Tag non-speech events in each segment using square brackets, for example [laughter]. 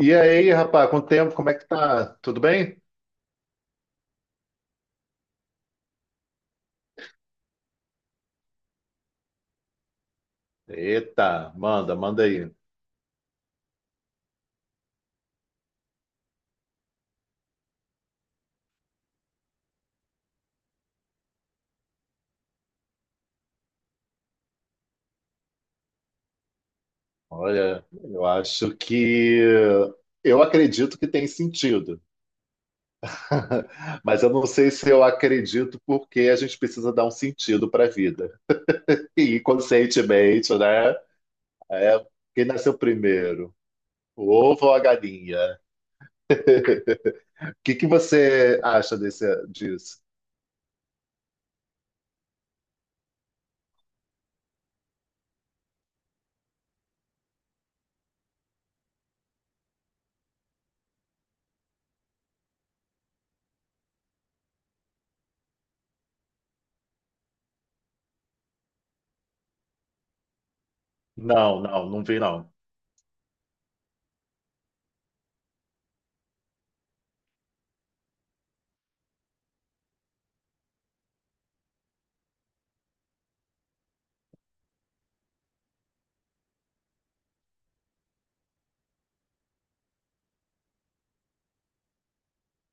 E aí, rapaz, quanto tempo? Como é que tá? Tudo bem? Eita, manda aí. Olha, eu acho que eu acredito que tem sentido, [laughs] mas eu não sei se eu acredito porque a gente precisa dar um sentido para a vida. E inconscientemente, né? É, quem nasceu primeiro, o ovo ou a galinha? O que que você acha disso? Não, não, não vi não.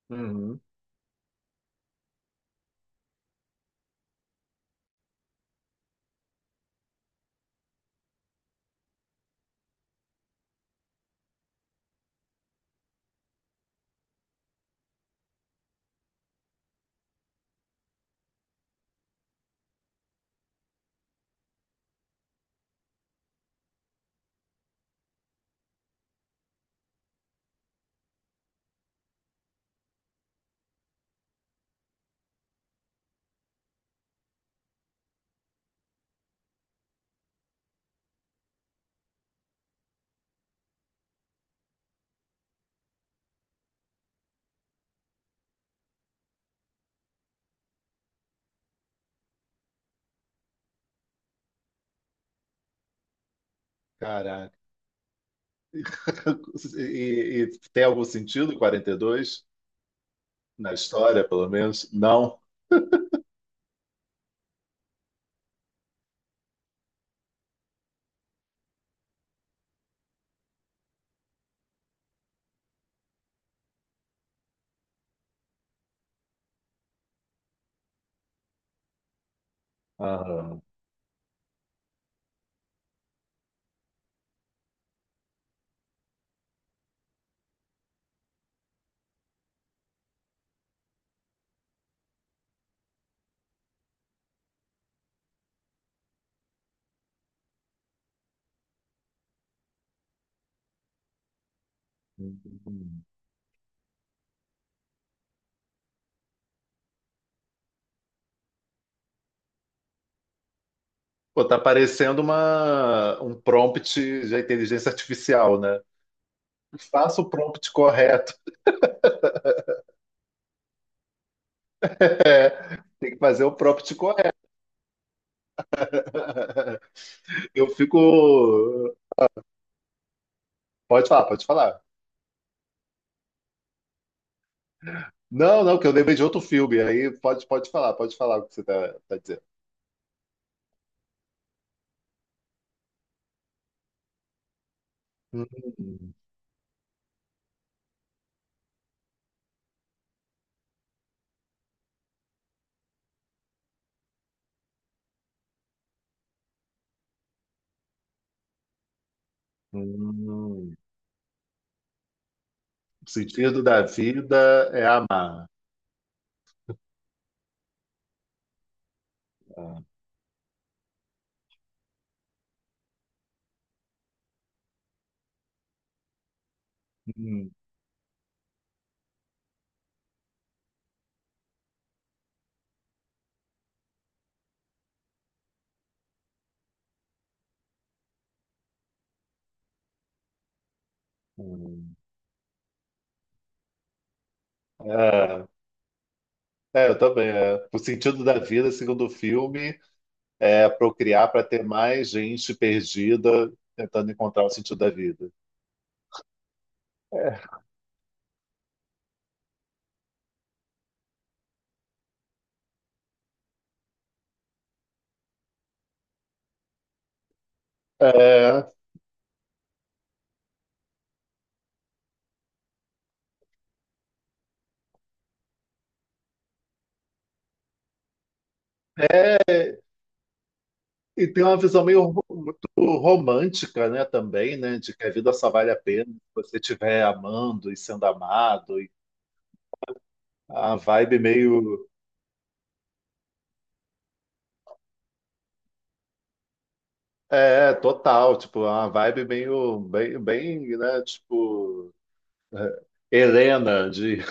Uhum. [laughs] E tem algum sentido 42 na história, pelo menos? Não. Aham. Pô, tá parecendo um prompt de inteligência artificial, né? Faça o prompt correto. Tem que fazer o prompt correto. [laughs] Eu fico. Pode falar, pode falar. Não, não, que eu lembrei de outro filme. Aí pode falar o que você tá dizendo. Hum, hum. O sentido da vida é amar. Ah, hum, hum. É, eu também. É. O sentido da vida, segundo o filme, é procriar para ter mais gente perdida tentando encontrar o sentido da vida. É, é, e tem uma visão meio muito romântica, né, também, né, de que a vida só vale a pena se você estiver amando e sendo amado. E a vibe meio total, tipo, uma vibe meio bem, né, tipo Helena de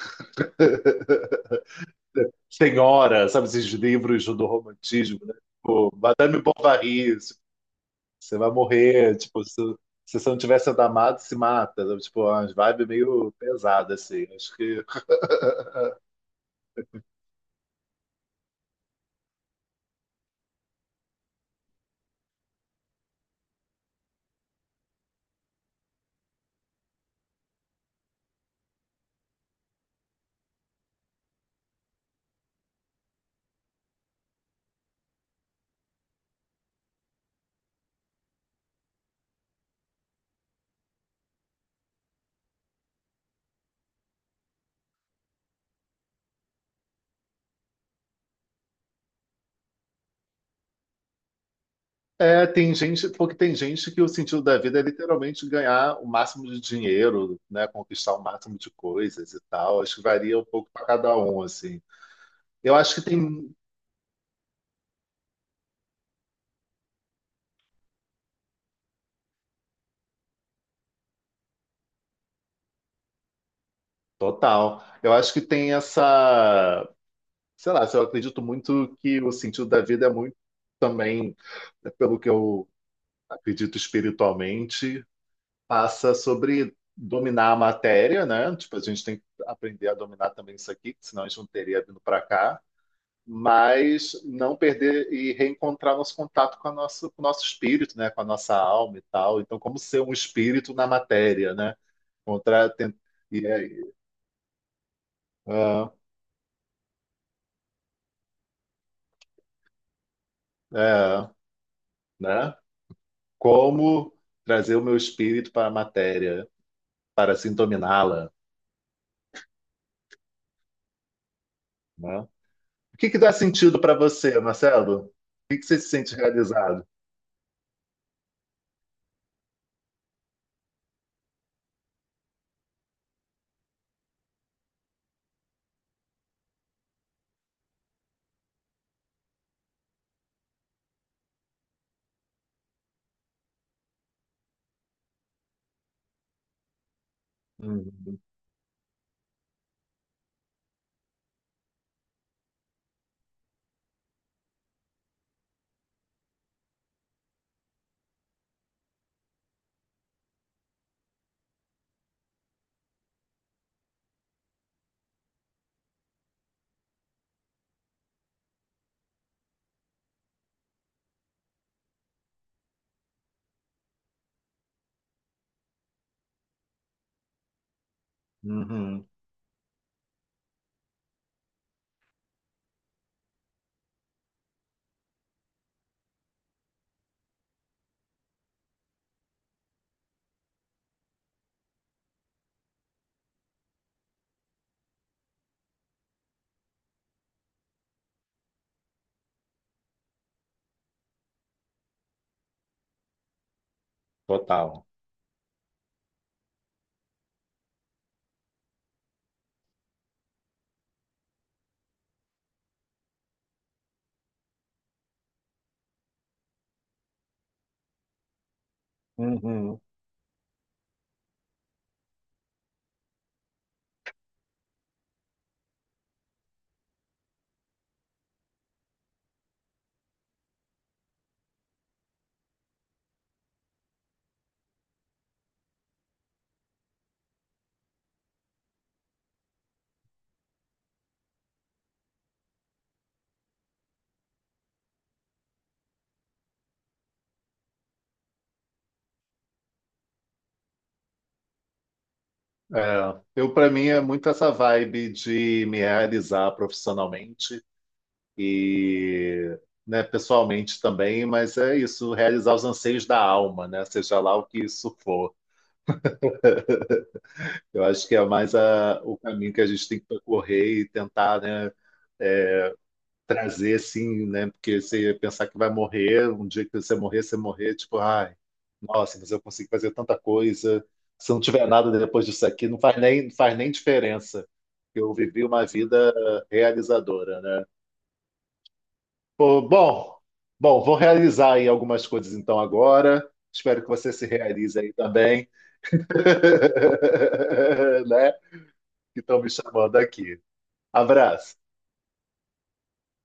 Senhora, sabe esses livros do romantismo, né? Tipo, Madame Bovary, tipo, você vai morrer, tipo, se você não tiver sendo amado, se mata, sabe? Tipo, umas vibes meio pesadas, assim. Acho que... É, tem gente, porque tem gente que o sentido da vida é literalmente ganhar o máximo de dinheiro, né? Conquistar o máximo de coisas e tal. Acho que varia um pouco para cada um, assim. Eu acho que tem... Total. Eu acho que tem essa, sei lá, eu acredito muito que o sentido da vida é muito também, né, pelo que eu acredito espiritualmente, passa sobre dominar a matéria, né? Tipo, a gente tem que aprender a dominar também isso aqui, senão a gente não teria vindo para cá. Mas não perder e reencontrar nosso contato com, a nossa, com o nosso espírito, né? Com a nossa alma e tal. Então, como ser um espírito na matéria, né? Contra, e aí, ah, é, né? Como trazer o meu espírito para a matéria, para assim dominá-la, né? O que que dá sentido para você, Marcelo? O que que você se sente realizado? Uhum, uhum, total. Uhum. É, eu, para mim, é muito essa vibe de me realizar profissionalmente e, né, pessoalmente também, mas é isso, realizar os anseios da alma, né, seja lá o que isso for. Eu acho que é mais o caminho que a gente tem que percorrer e tentar, né, é, trazer assim, né? Porque você ia pensar que vai morrer, um dia que você morrer, tipo, ai, nossa, mas eu consigo fazer tanta coisa. Se não tiver nada depois disso aqui, não faz nem, não faz nem diferença. Eu vivi uma vida realizadora, né? Pô, bom, vou realizar aí algumas coisas então agora. Espero que você se realize aí também, [laughs] né? Que estão me chamando aqui. Abraço.